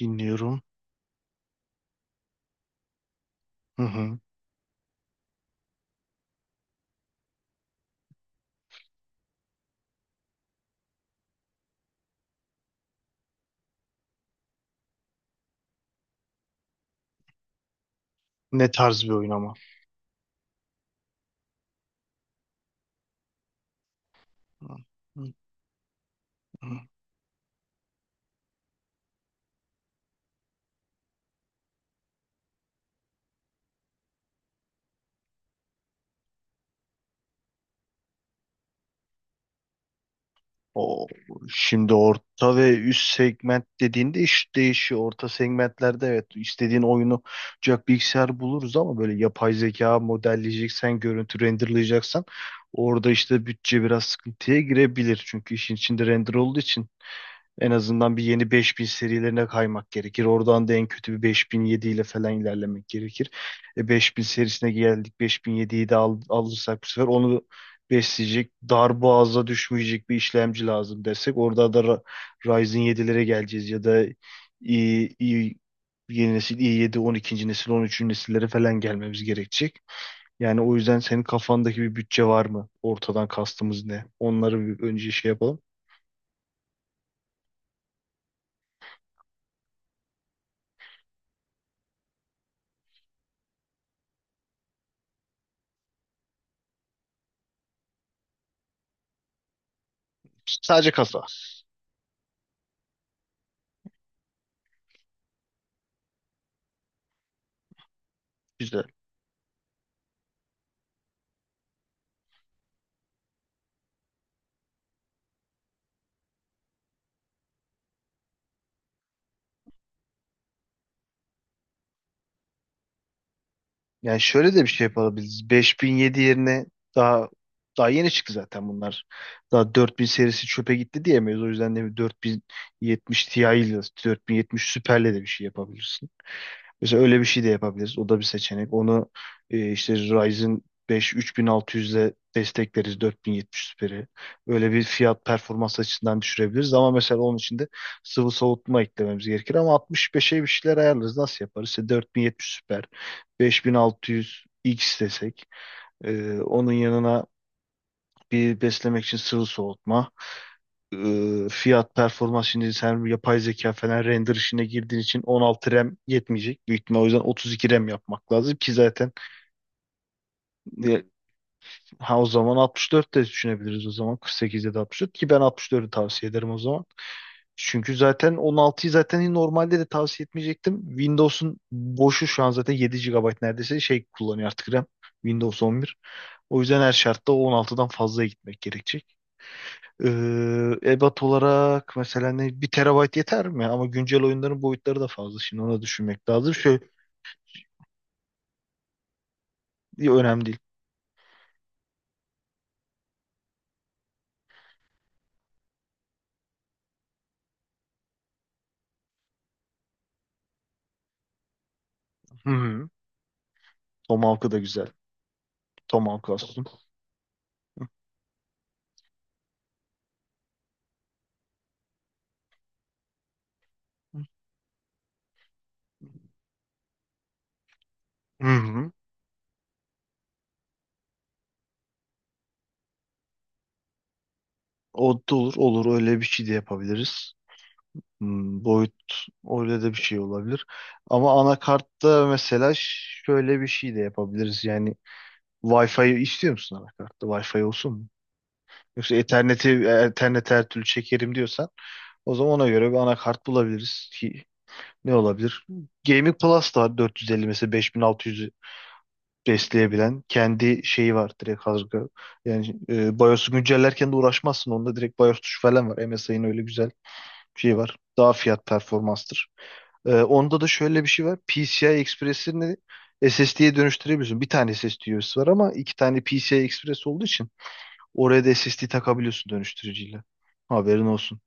Dinliyorum. Hı hı. Ne tarz bir oyun ama? Hı hı hı. O şimdi orta ve üst segment dediğinde iş değişiyor. Orta segmentlerde, evet, istediğin oyunu olacak bilgisayar buluruz ama böyle yapay zeka modelleyeceksen, görüntü renderlayacaksan orada işte bütçe biraz sıkıntıya girebilir. Çünkü işin içinde render olduğu için en azından bir yeni 5000 serilerine kaymak gerekir. Oradan da en kötü bir 5007 ile falan ilerlemek gerekir. E 5000 serisine geldik. 5007'yi de al, alırsak bu sefer onu besleyecek, dar boğaza düşmeyecek bir işlemci lazım desek. Orada da Ryzen 7'lere geleceğiz ya da i, i, yeni nesil i7, 12. nesil, 13. nesillere falan gelmemiz gerekecek. Yani o yüzden senin kafandaki bir bütçe var mı? Ortadan kastımız ne? Onları bir önce şey yapalım. Sadece kasa. Güzel. Yani şöyle de bir şey yapabiliriz. 5007 yerine daha daha yeni çıktı zaten bunlar. Daha 4000 serisi çöpe gitti diyemeyiz. O yüzden de bir 4070 Ti ile 4070 Super'le de bir şey yapabiliriz. Mesela öyle bir şey de yapabiliriz. O da bir seçenek. Onu işte Ryzen 5 3600'le destekleriz 4070 Super'i. Öyle bir fiyat performans açısından düşürebiliriz. Ama mesela onun için de sıvı soğutma eklememiz gerekir. Ama 65'e bir şeyler ayarlarız. Nasıl yaparız? İşte 4070 Super, 5600 X desek. Onun yanına bir beslemek için sıvı soğutma, e, fiyat performans, şimdi sen yapay zeka falan render işine girdiğin için 16 RAM yetmeyecek. Büyük ihtimal o yüzden 32 RAM yapmak lazım ki zaten e, ha, o zaman 64 de düşünebiliriz, o zaman 48 ya da 64 ki ben 64'ü tavsiye ederim o zaman. Çünkü zaten 16'yı zaten normalde de tavsiye etmeyecektim. Windows'un boşu şu an zaten 7 gigabayt neredeyse şey kullanıyor artık RAM. Windows 11. O yüzden her şartta o 16'dan fazla gitmek gerekecek. Ee, ebat olarak mesela ne, bir terabayt yeter mi? Ama güncel oyunların boyutları da fazla. Şimdi onu düşünmek lazım. Şöyle önemli değil. Hı hı. Tomahawk'ı da güzel. Tomahawk olsun. Hı hı. O da olur. Olur. Öyle bir şey de yapabiliriz. Hmm, boyut, öyle de bir şey olabilir. Ama anakartta mesela şöyle bir şey de yapabiliriz. Yani Wi-Fi istiyor musun anakartta? Wi-Fi olsun mu? Yoksa Ethernet'i Ethernet'e her türlü çekerim diyorsan o zaman ona göre bir anakart bulabiliriz. Ne olabilir? Gaming Plus da var 450 mesela, 5600 besleyebilen kendi şeyi var direkt hazır. Yani BIOS'u güncellerken de uğraşmazsın. Onda direkt BIOS tuşu falan var. MSI'nin öyle güzel bir şeyi var. Daha fiyat performanstır. Onda da şöyle bir şey var. PCI Express'ini SSD'ye dönüştürebiliyorsun. Bir tane SSD üyesi var ama iki tane PCI Express olduğu için oraya da SSD takabiliyorsun dönüştürücüyle. Haberin olsun.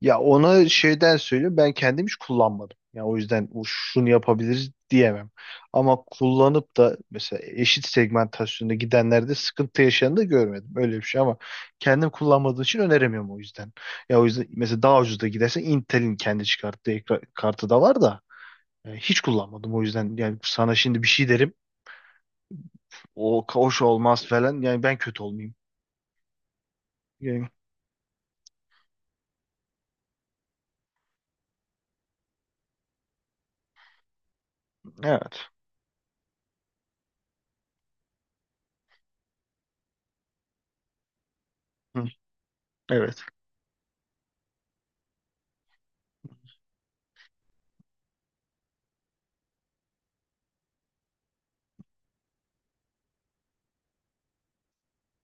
Ya ona şeyden söyleyeyim, ben kendim hiç kullanmadım. Ya o yüzden o şunu yapabiliriz diyemem. Ama kullanıp da mesela eşit segmentasyonda gidenlerde sıkıntı yaşayanı da görmedim. Öyle bir şey ama kendim kullanmadığım için öneremiyorum o yüzden. Ya o yüzden mesela daha ucuz da gidersen Intel'in kendi çıkarttığı kartı da var da hiç kullanmadım o yüzden. Yani sana şimdi bir şey derim, o hoş olmaz falan, yani ben kötü olmayayım. Yani, evet. Hı, evet.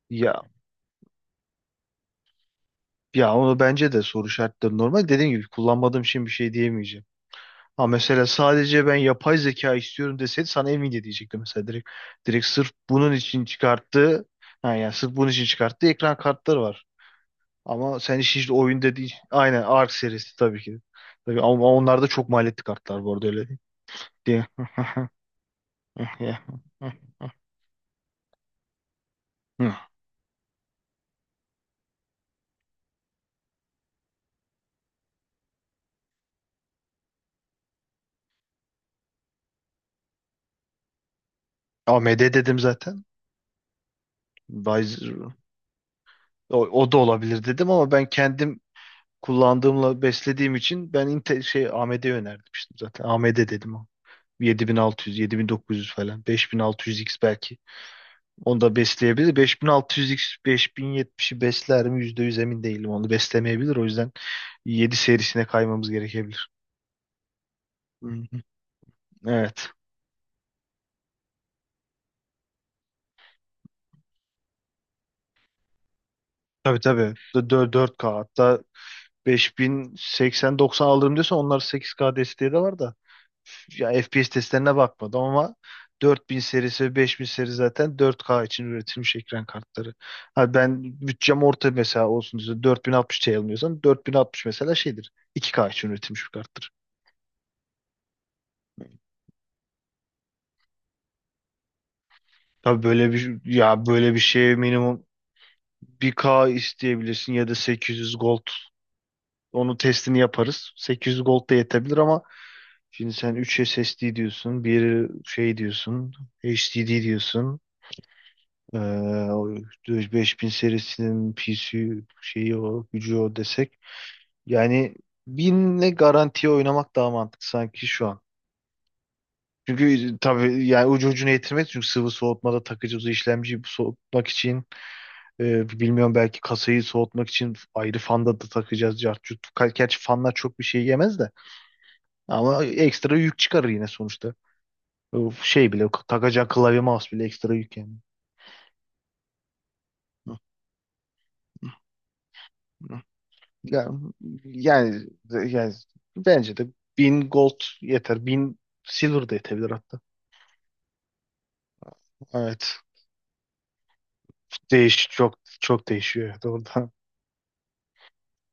Ya Ya, onu bence de soru şartları normal. Dediğim gibi kullanmadığım için bir şey diyemeyeceğim. Ha mesela sadece ben yapay zeka istiyorum deseydi sana Nvidia diyecektim mesela direkt. Direkt sırf bunun için çıkarttığı, ha yani sırf bunun için çıkarttığı ekran kartları var. Ama sen işin işte oyun dediğin, aynen Ark serisi tabii ki. Tabii ama onlarda çok maliyetli kartlar bu arada, öyle değil. Diye. Hı. AMD dedim zaten. Ryzen- o da olabilir dedim ama ben kendim kullandığımla beslediğim için ben Intel şey AMD önermiştim zaten. AMD dedim o. 7600, 7900 falan. 5600X belki. Onu da besleyebilir. 5600X, 5070'i besler mi? Yüzde yüz emin değilim. Onu beslemeyebilir. O yüzden 7 serisine kaymamız gerekebilir. Hı hı. Evet. Tabii tabii. 4K hatta 5080-90 alırım diyorsa onlar, 8K desteği de var da, ya FPS testlerine bakmadım ama 4000 serisi ve 5000 seri zaten 4K için üretilmiş ekran kartları. Ha ben bütçem orta mesela olsun diye 4060 Ti almıyorsam 4060 mesela şeydir. 2K için üretilmiş bir karttır. Tabii böyle bir, ya böyle bir şeye minimum 1K isteyebilirsin ya da 800 gold. Onu testini yaparız. 800 gold da yetebilir ama şimdi sen 3 SSD diyorsun, bir şey diyorsun, HDD diyorsun. Ee, o 5000 serisinin PC şeyi o gücü o desek. Yani binle garantiye oynamak daha mantıklı sanki şu an. Çünkü tabii yani ucu ucuna yetirmez. Çünkü sıvı soğutmada takıcı işlemciyi soğutmak için bilmiyorum belki kasayı soğutmak için ayrı fanda da takacağız. Cart curt. Gerçi fanlar çok bir şey yemez de, ama ekstra yük çıkarır yine sonuçta. O şey bile, takacağın klavye mouse bile ekstra yük yani. Hı. Ya, yani yani bence de 1000 gold yeter. Bin silver da yetebilir hatta. Evet. Değiş çok çok değişiyor orada. Doğrudan.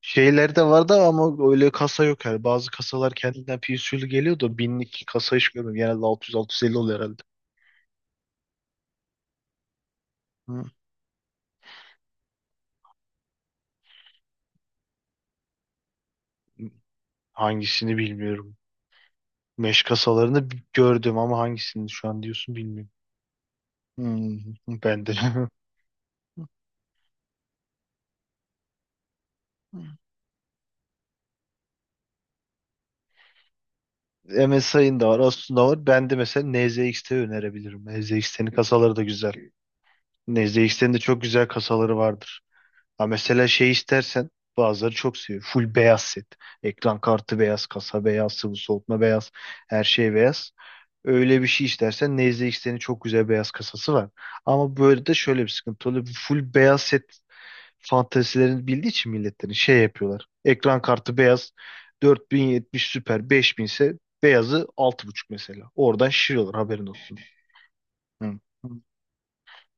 Şeyler de vardı ama öyle kasa yok yani. Bazı kasalar kendinden PSU'lu geliyor da binlik kasa hiç görmedim. Genelde 600-650 oluyor herhalde. Hı. Hangisini bilmiyorum. Meş kasalarını gördüm ama hangisini şu an diyorsun bilmiyorum. Hmm. Ben de. MSI'ın da var, Asus'un da var. Ben de mesela NZXT önerebilirim. NZXT'nin kasaları da güzel. NZXT'nin de çok güzel kasaları vardır. Ha mesela şey istersen, bazıları çok seviyor. Full beyaz set. Ekran kartı beyaz, kasa beyaz, sıvı soğutma beyaz, her şey beyaz. Öyle bir şey istersen NZXT'nin çok güzel beyaz kasası var. Ama böyle de şöyle bir sıkıntı oluyor. Full beyaz set fantezilerini bildiği için milletlerin şey yapıyorlar. Ekran kartı beyaz 4070 süper 5000 ise beyazı 6.5 mesela. Oradan şişiriyorlar, haberin olsun. Hı.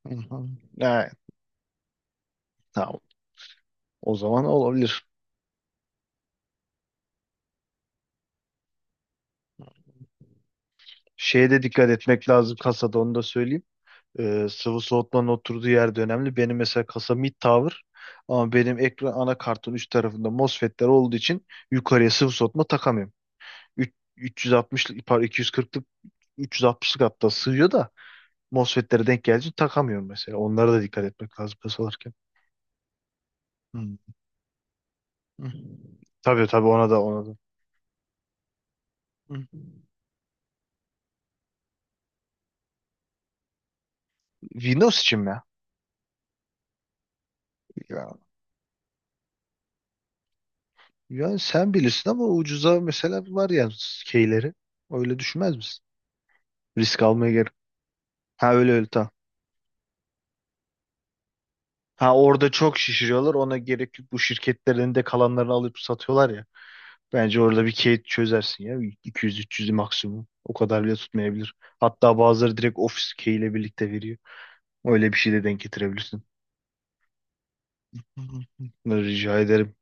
Hı, hı, evet, tamam. O zaman olabilir. Şeye de dikkat etmek lazım kasada, onu da söyleyeyim. Sıvı soğutmanın oturduğu yer de önemli. Benim mesela kasa mid tower ama benim ekran anakartın üst tarafında MOSFET'ler olduğu için yukarıya sıvı soğutma takamıyorum. 360'lık, pardon, 240'lık, 360'lık hatta sığıyor da MOSFET'lere denk gelince takamıyorum mesela. Onlara da dikkat etmek lazım pes alırken. Hmm. Hı. Tabii tabii, ona da, ona da. Hı. Windows için mi? Ya, yani sen bilirsin ama ucuza mesela var ya keyleri. Öyle düşünmez misin? Risk almaya gerek. Ha, öyle öyle tamam. Ha orada çok şişiriyorlar. Ona gerek yok. Bu şirketlerin de kalanlarını alıp satıyorlar ya. Bence orada bir key çözersin ya. 200-300 maksimum. O kadar bile tutmayabilir. Hatta bazıları direkt ofis key ile birlikte veriyor. Öyle bir şey de denk getirebilirsin. Rica ederim.